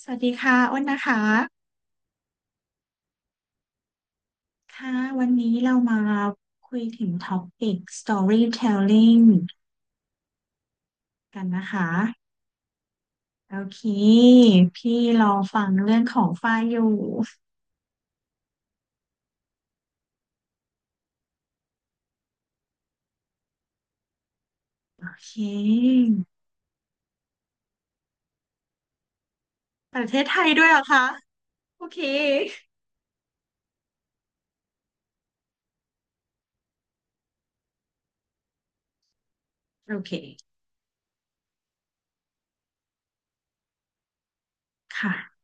สวัสดีค่ะอ้นนะคะค่ะวันนี้เรามาคุยถึงท็อปิก storytelling กันนะคะโอเคพี่รอฟังเรื่องของฝ้ายอยู่โอเคประเทศไทยด้วยเหรอคะโอเคโอเคค่ะ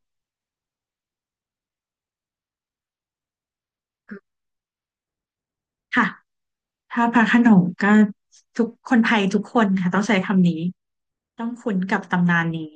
ค่ะถ้าพระโขนงก็ทุกคนไทยทุกคนค่ะต้องใช้คำนี้ต้องคุ้นกับตำนานนี้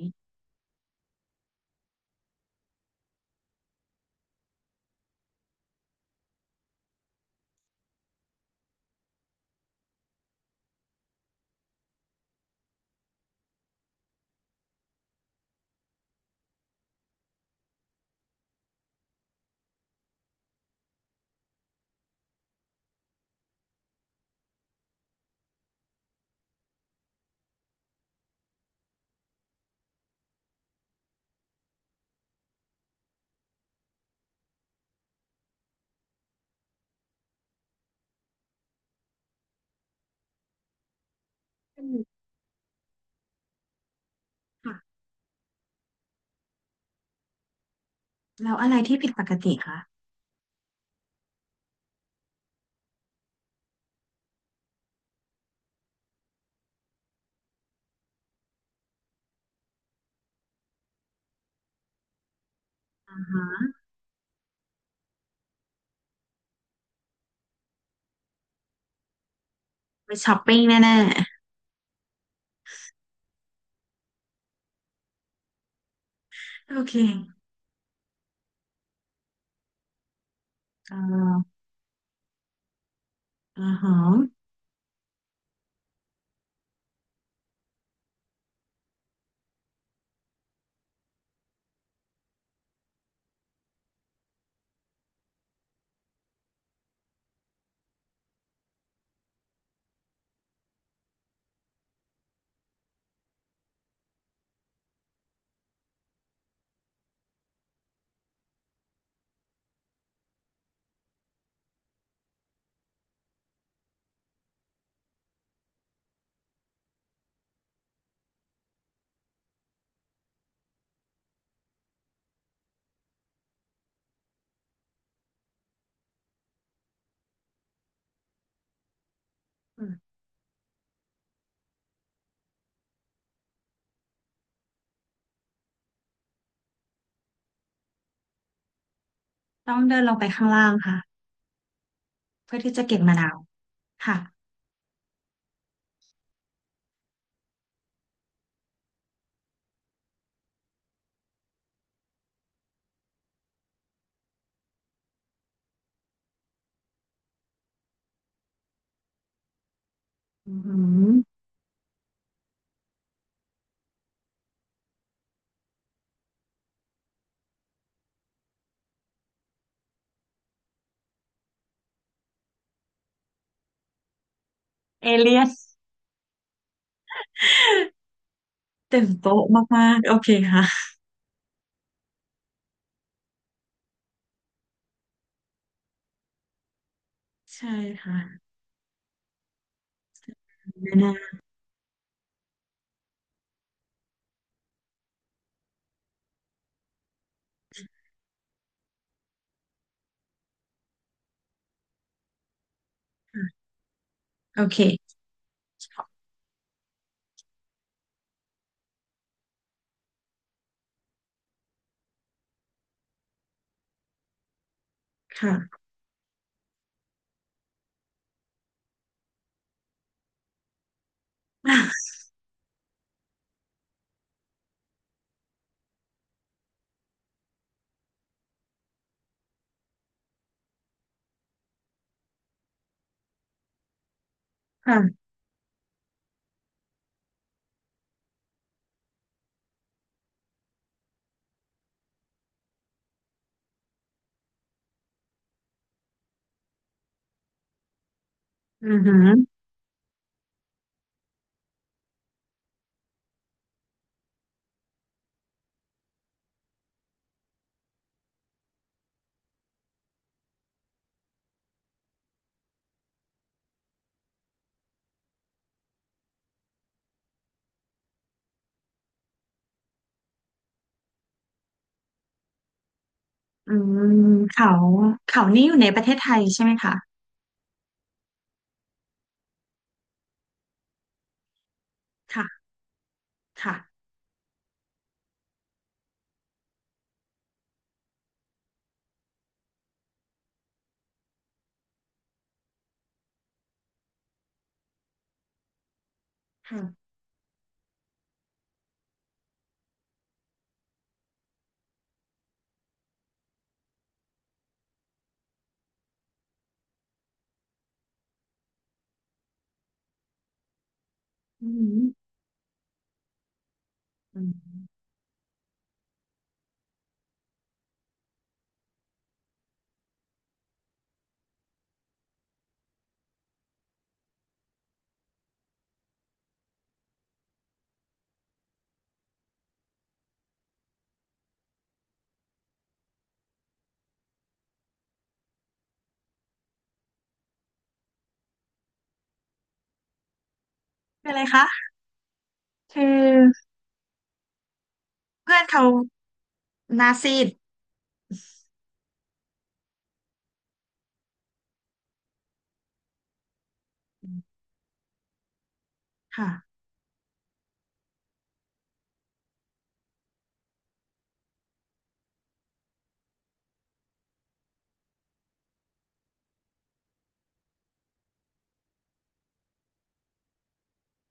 อืมค่ะแล้วอะไรที่ผิดปกติคะไปช้อปปิ้งแน่ๆโอเคเอ่อ อ่าฮะอืมต้องเดินลงไปข้างล่างค่ะเพื่อที่จะเก็บมะนาวค่ะอืมเอเลียสตื่นโต๊ะมากๆโอเคค่ะใช่ค่ะมะนาวค่ะโอเคค่ะค่ะอือหืออืมเขาเขานี่อยู่ในประเทศไทยใช่ไหมคะค่ะค่ะค่ะอือหือืมเป็นอะไรคะคือเพื่อนเขาหน้าซีดอืมค่ะ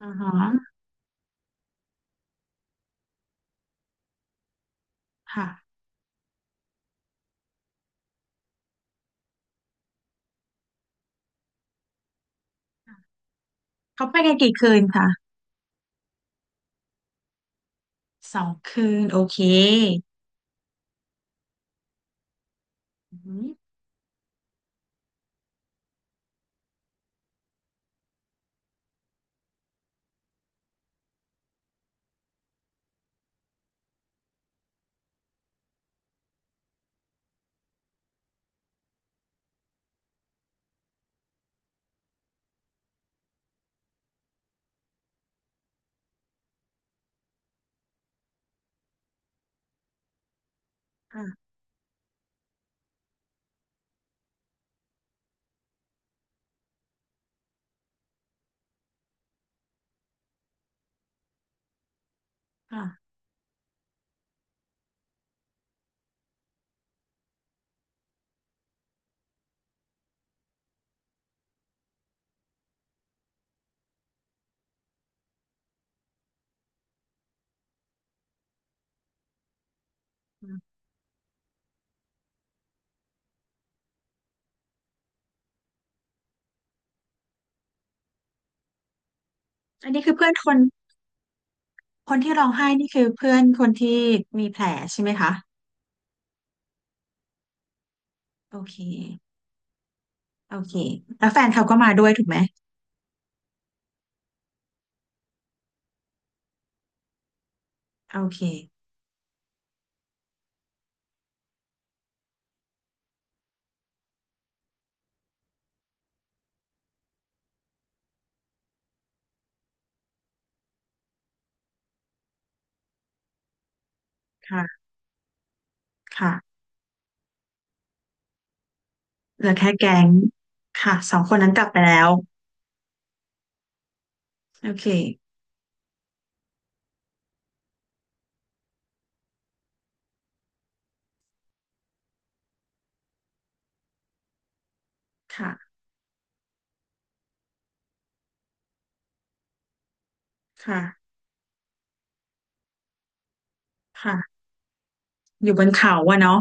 อ่าฮะค่ะเขาไปกันกี่คืนคะ สองคืนโอเคอืมค่ะค่ะอันนี้คือเพื่อนคน คนที่ร้องไห้นี่คือเพื่อนคนที่มีแผลใช่ไหมคะ โอเค โอเคแล้วแฟนเขาก็มาด้วยถูกไหม โอเค ค่ะค่ะเหลือแค่แก๊งค่ะสองคนนั้นกลับไปแล้ว โอเค ค่ะ ค่ะค่ะอยู่บนเขาอะเนาะ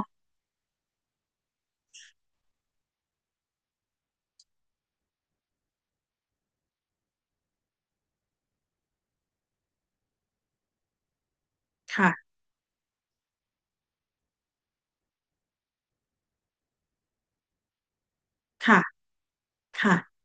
ค่ะค่ะ ค่ะ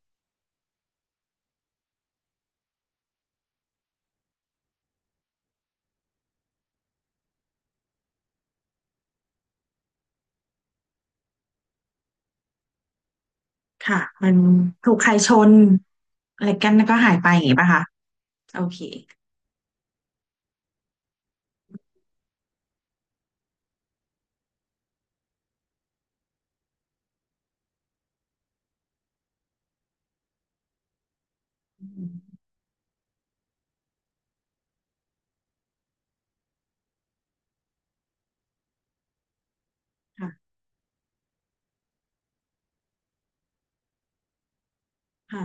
ค่ะ มันถูกใครชนอะไรกันแล้วก็หายไปอย่างงี้ป่ะคะโอเคอืมค่ะค่ะ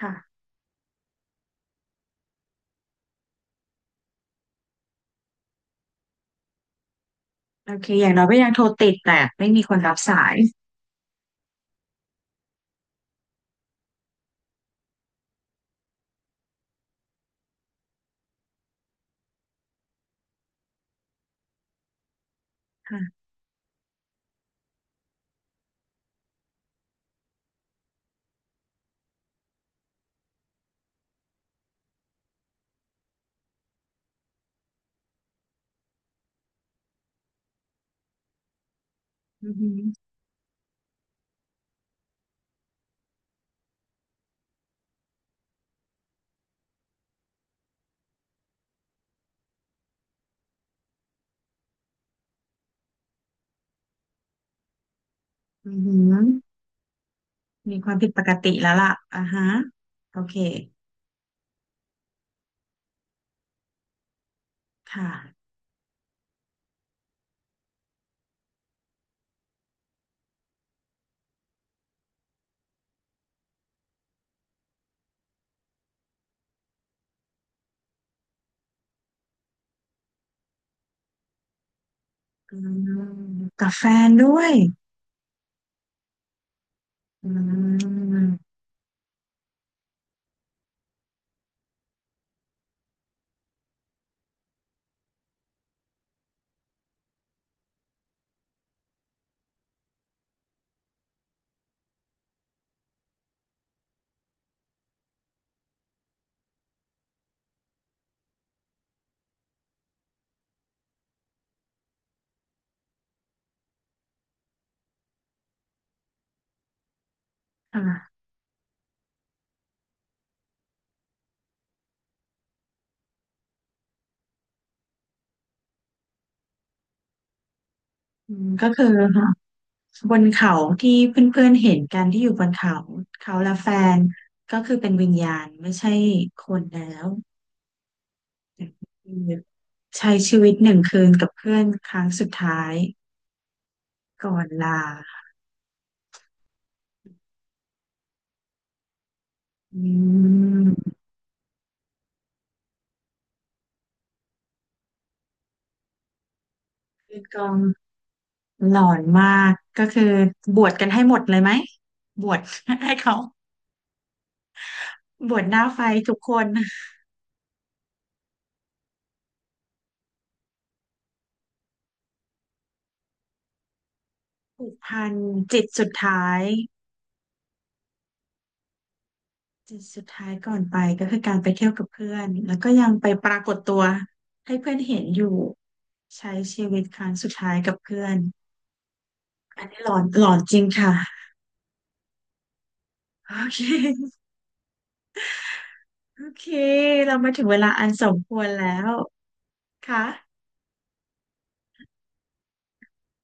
ค่ะ โอเคอย่างน้อยก็ยังโทรติดแต่ไม่มีคนรับสายค่ะอือหืออือหือมีความผิดปกติแล้วล่ะอ่าฮะ โอเค ค่ะอืมกับแฟนด้วย อืมค่ะอืมก็คือคบนเขาที่เพื่อนๆเห็นกันที่อยู่บนเขาเขาและแฟนก็คือเป็นวิญญาณไม่ใช่คนแล้วคือใช้ชีวิต1 คืนกับเพื่อนครั้งสุดท้ายก่อนลาอืมกอง หลอนมากก็คือบวชกันให้หมดเลยไหมบวช ให้เขาบวชหน้าไฟทุกคนผูกพันจิตสุดท้ายจิตสุดท้ายก่อนไปก็คือการไปเที่ยวกับเพื่อนแล้วก็ยังไปปรากฏตัวให้เพื่อนเห็นอยู่ใช้ชีวิตครั้งสุดท้ายกับเพื่อนอันนี้หลอนหลอนจริงค่ะโอเคโอเคเรามาถึงเวลาอันสมควรแล้วค่ะ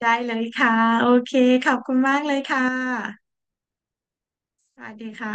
ได้เลยค่ะโอเคขอบคุณมากเลยค่ะสวัสดีค่ะ